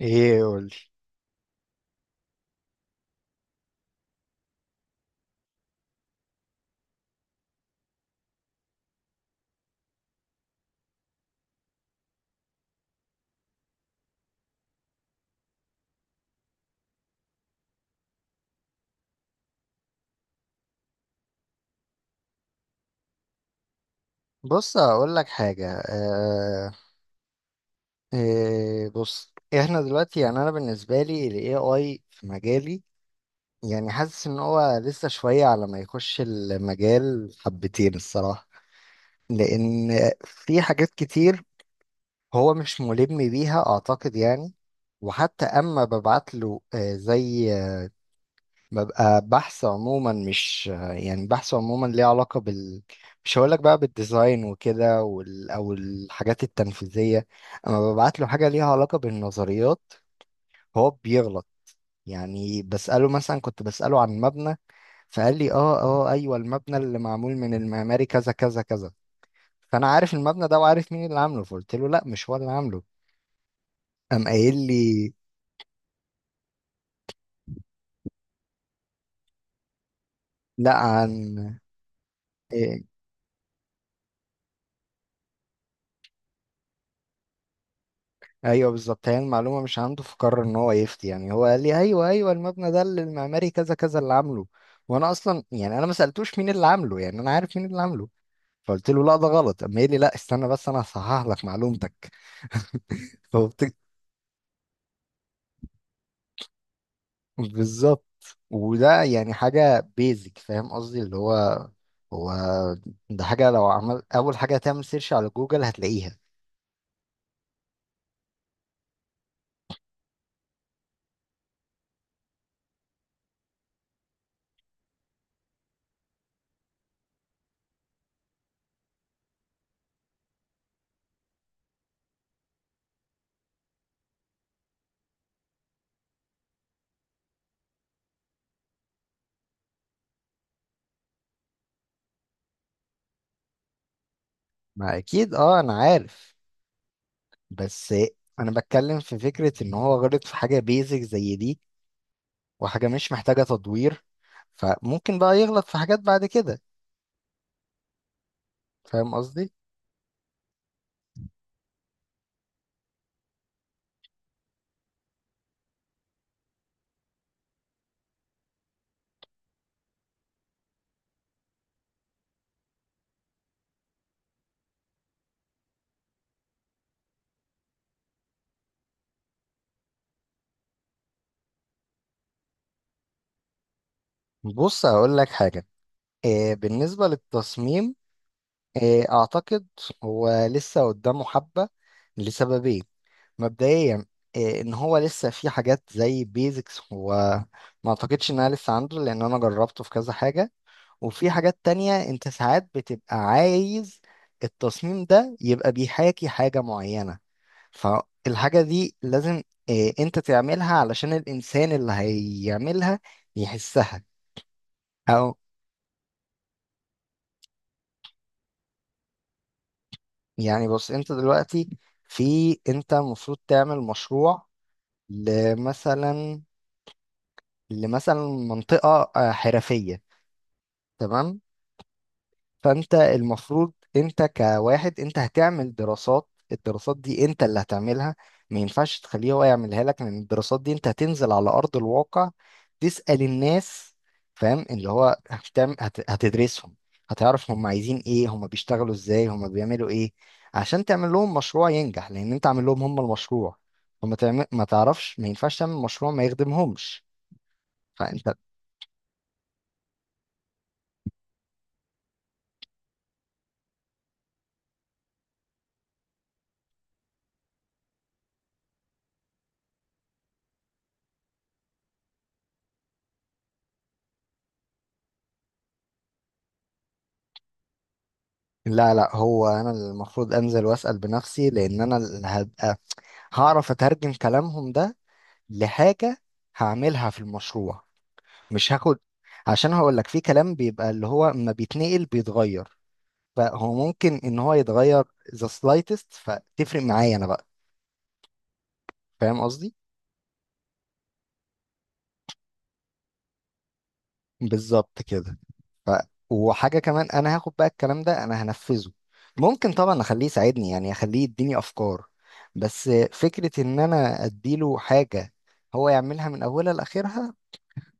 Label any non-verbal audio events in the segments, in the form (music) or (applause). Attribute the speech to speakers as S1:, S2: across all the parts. S1: ايه قولي. بص اقول لك حاجه. آه إيه بص احنا دلوقتي يعني انا بالنسبه لي الاي اي في مجالي، يعني حاسس ان هو لسه شويه على ما يخش المجال حبتين الصراحه. لان في حاجات كتير هو مش ملم بيها اعتقد يعني. وحتى اما ببعت له زي، ببقى بحث عموما، مش يعني بحث عموما ليه علاقة بال، مش هقولك بقى بالديزاين وكده أو الحاجات التنفيذية. أما ببعت له حاجة ليها علاقة بالنظريات، هو بيغلط. يعني بسأله، مثلا كنت بسأله عن مبنى، فقال لي أيوه المبنى اللي معمول من المعماري كذا كذا كذا. فأنا عارف المبنى ده وعارف مين اللي عامله، فقلت له لا مش هو اللي عامله. قام قايل لي لا. عن ايوه بالظبط، هي المعلومه مش عنده فقرر ان هو يفتي. يعني هو قال لي ايوه ايوه المبنى ده اللي المعماري كذا كذا اللي عامله، وانا اصلا يعني انا ما سالتوش مين اللي عامله، يعني انا عارف مين اللي عامله. فقلت له لا ده غلط، اما قال لي لا استنى بس انا هصحح لك معلومتك. (laughs) فبت... بالظبط. وده يعني حاجه بيزك، فاهم قصدي؟ اللي هو ده حاجه لو عمل اول حاجه هتعمل سيرش على جوجل هتلاقيها. ما اكيد اه انا عارف. بس انا بتكلم في فكره ان هو غلط في حاجه بيزك زي دي وحاجة مش محتاجة تدوير، فممكن بقى يغلط في حاجات بعد كده. فاهم قصدي؟ بص هقول لك حاجة. بالنسبة للتصميم، أعتقد هو لسه قدامه حبة لسببين. مبدئيا، إن هو لسه في حاجات زي بيزكس هو ما أعتقدش إنها لسه عنده، لأن أنا جربته في كذا حاجة. وفي حاجات تانية انت ساعات بتبقى عايز التصميم ده يبقى بيحاكي حاجة معينة، فالحاجة دي لازم انت تعملها علشان الانسان اللي هيعملها يحسها. او يعني بص، انت دلوقتي في، انت المفروض تعمل مشروع لمثلا لمثلا منطقة حرفية. تمام. فانت المفروض انت كواحد انت هتعمل دراسات. الدراسات دي انت اللي هتعملها، ما ينفعش تخليه هو يعملها لك، لان الدراسات دي انت هتنزل على ارض الواقع تسأل الناس. فاهم؟ اللي هو هتعمل هتدرسهم، هتعرف هم عايزين ايه، هم بيشتغلوا ازاي، هم بيعملوا ايه، عشان تعمل لهم مشروع ينجح، لان انت عامل لهم هم المشروع. فما تعمل، ما تعرفش، ما ينفعش تعمل مشروع ما يخدمهمش. فانت، لا هو انا اللي المفروض انزل واسال بنفسي، لان انا اللي هبقى هعرف اترجم كلامهم ده لحاجة هعملها في المشروع. مش هاخد، عشان هقول لك في كلام بيبقى اللي هو اما بيتنقل بيتغير، فهو ممكن ان هو يتغير the slightest، فتفرق معايا انا بقى. فاهم قصدي؟ بالظبط كده. ف... وحاجة كمان، انا هاخد بقى الكلام ده انا هنفذه. ممكن طبعا اخليه يساعدني، يعني اخليه يديني افكار، بس فكرة ان انا اديله حاجة هو يعملها من اولها لاخرها،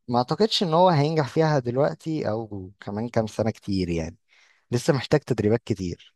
S1: ما اعتقدش ان هو هينجح فيها دلوقتي او كمان كام سنة كتير يعني. لسه محتاج تدريبات كتير.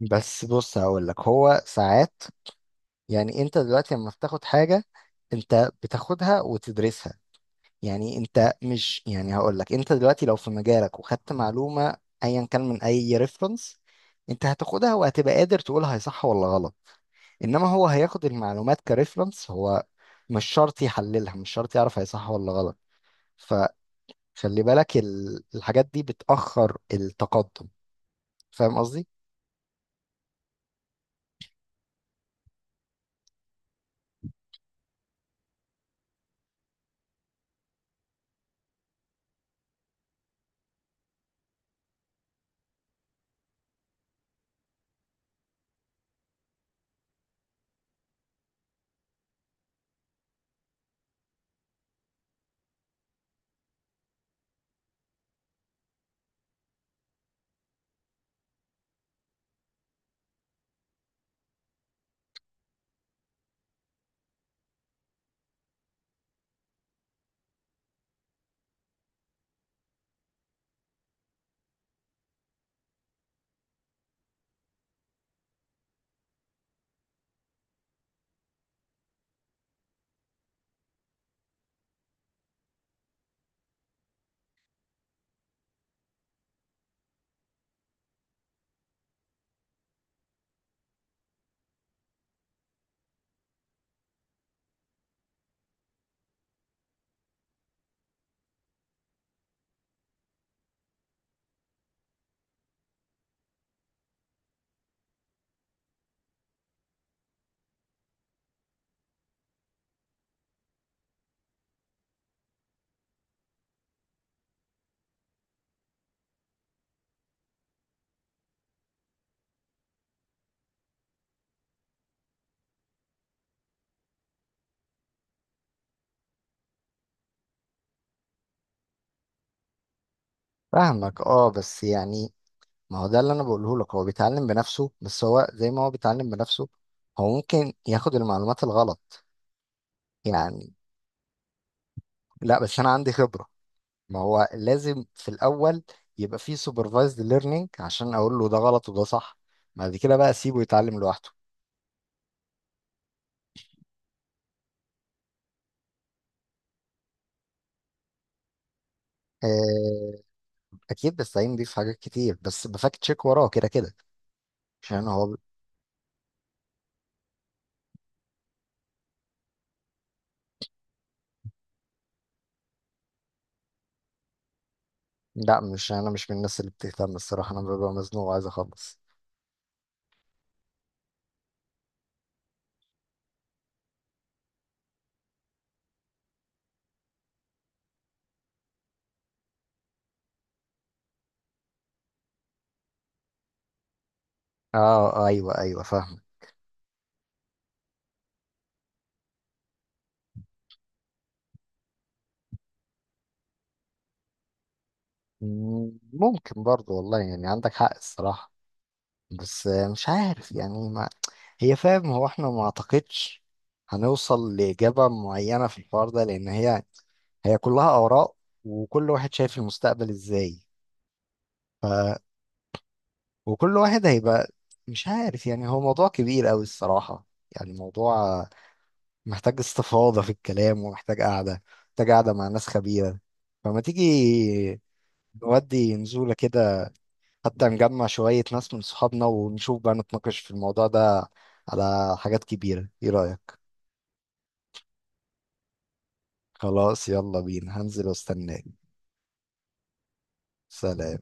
S1: بس بص هقول لك، هو ساعات، يعني انت دلوقتي لما بتاخد حاجة انت بتاخدها وتدرسها. يعني انت مش، يعني هقول لك، انت دلوقتي لو في مجالك وخدت معلومة ايا كان من اي ريفرنس، انت هتاخدها وهتبقى قادر تقول هي صح ولا غلط. انما هو هياخد المعلومات كريفرنس، هو مش شرط يحللها، مش شرط يعرف هي صح ولا غلط. خلي بالك، ال- الحاجات دي بتأخر التقدم. فاهم قصدي؟ فاهمك اه، بس يعني ما هو ده اللي انا بقوله لك، هو بيتعلم بنفسه، بس هو زي ما هو بيتعلم بنفسه هو ممكن ياخد المعلومات الغلط. يعني، لا بس انا عندي خبرة، ما هو لازم في الاول يبقى فيه سوبرفايزد ليرنينج عشان اقول له ده غلط وده صح، بعد كده بقى اسيبه يتعلم لوحده. آه، اكيد، بس هينضيف حاجات كتير، بس بفاكت تشيك وراه كده كده، عشان هو. لا، مش انا مش من الناس اللي بتهتم الصراحه، انا ببقى مزنوق وعايز اخلص. اه. ايوه ايوه فاهم. ممكن برضو والله، يعني عندك حق الصراحه. بس مش عارف يعني ما، هي فاهم هو احنا ما اعتقدش هنوصل لاجابه معينه في الحوار ده، لان هي كلها آراء، وكل واحد شايف المستقبل إزاي، وكل واحد هيبقى، مش عارف. يعني هو موضوع كبير أوي الصراحة، يعني موضوع محتاج استفاضة في الكلام ومحتاج قعدة، محتاج قعدة مع ناس خبيرة. فما تيجي نودي نزولة كده، حتى نجمع شوية ناس من صحابنا ونشوف بقى نتناقش في الموضوع ده على حاجات كبيرة. ايه رأيك؟ خلاص يلا بينا، هنزل واستناك. سلام.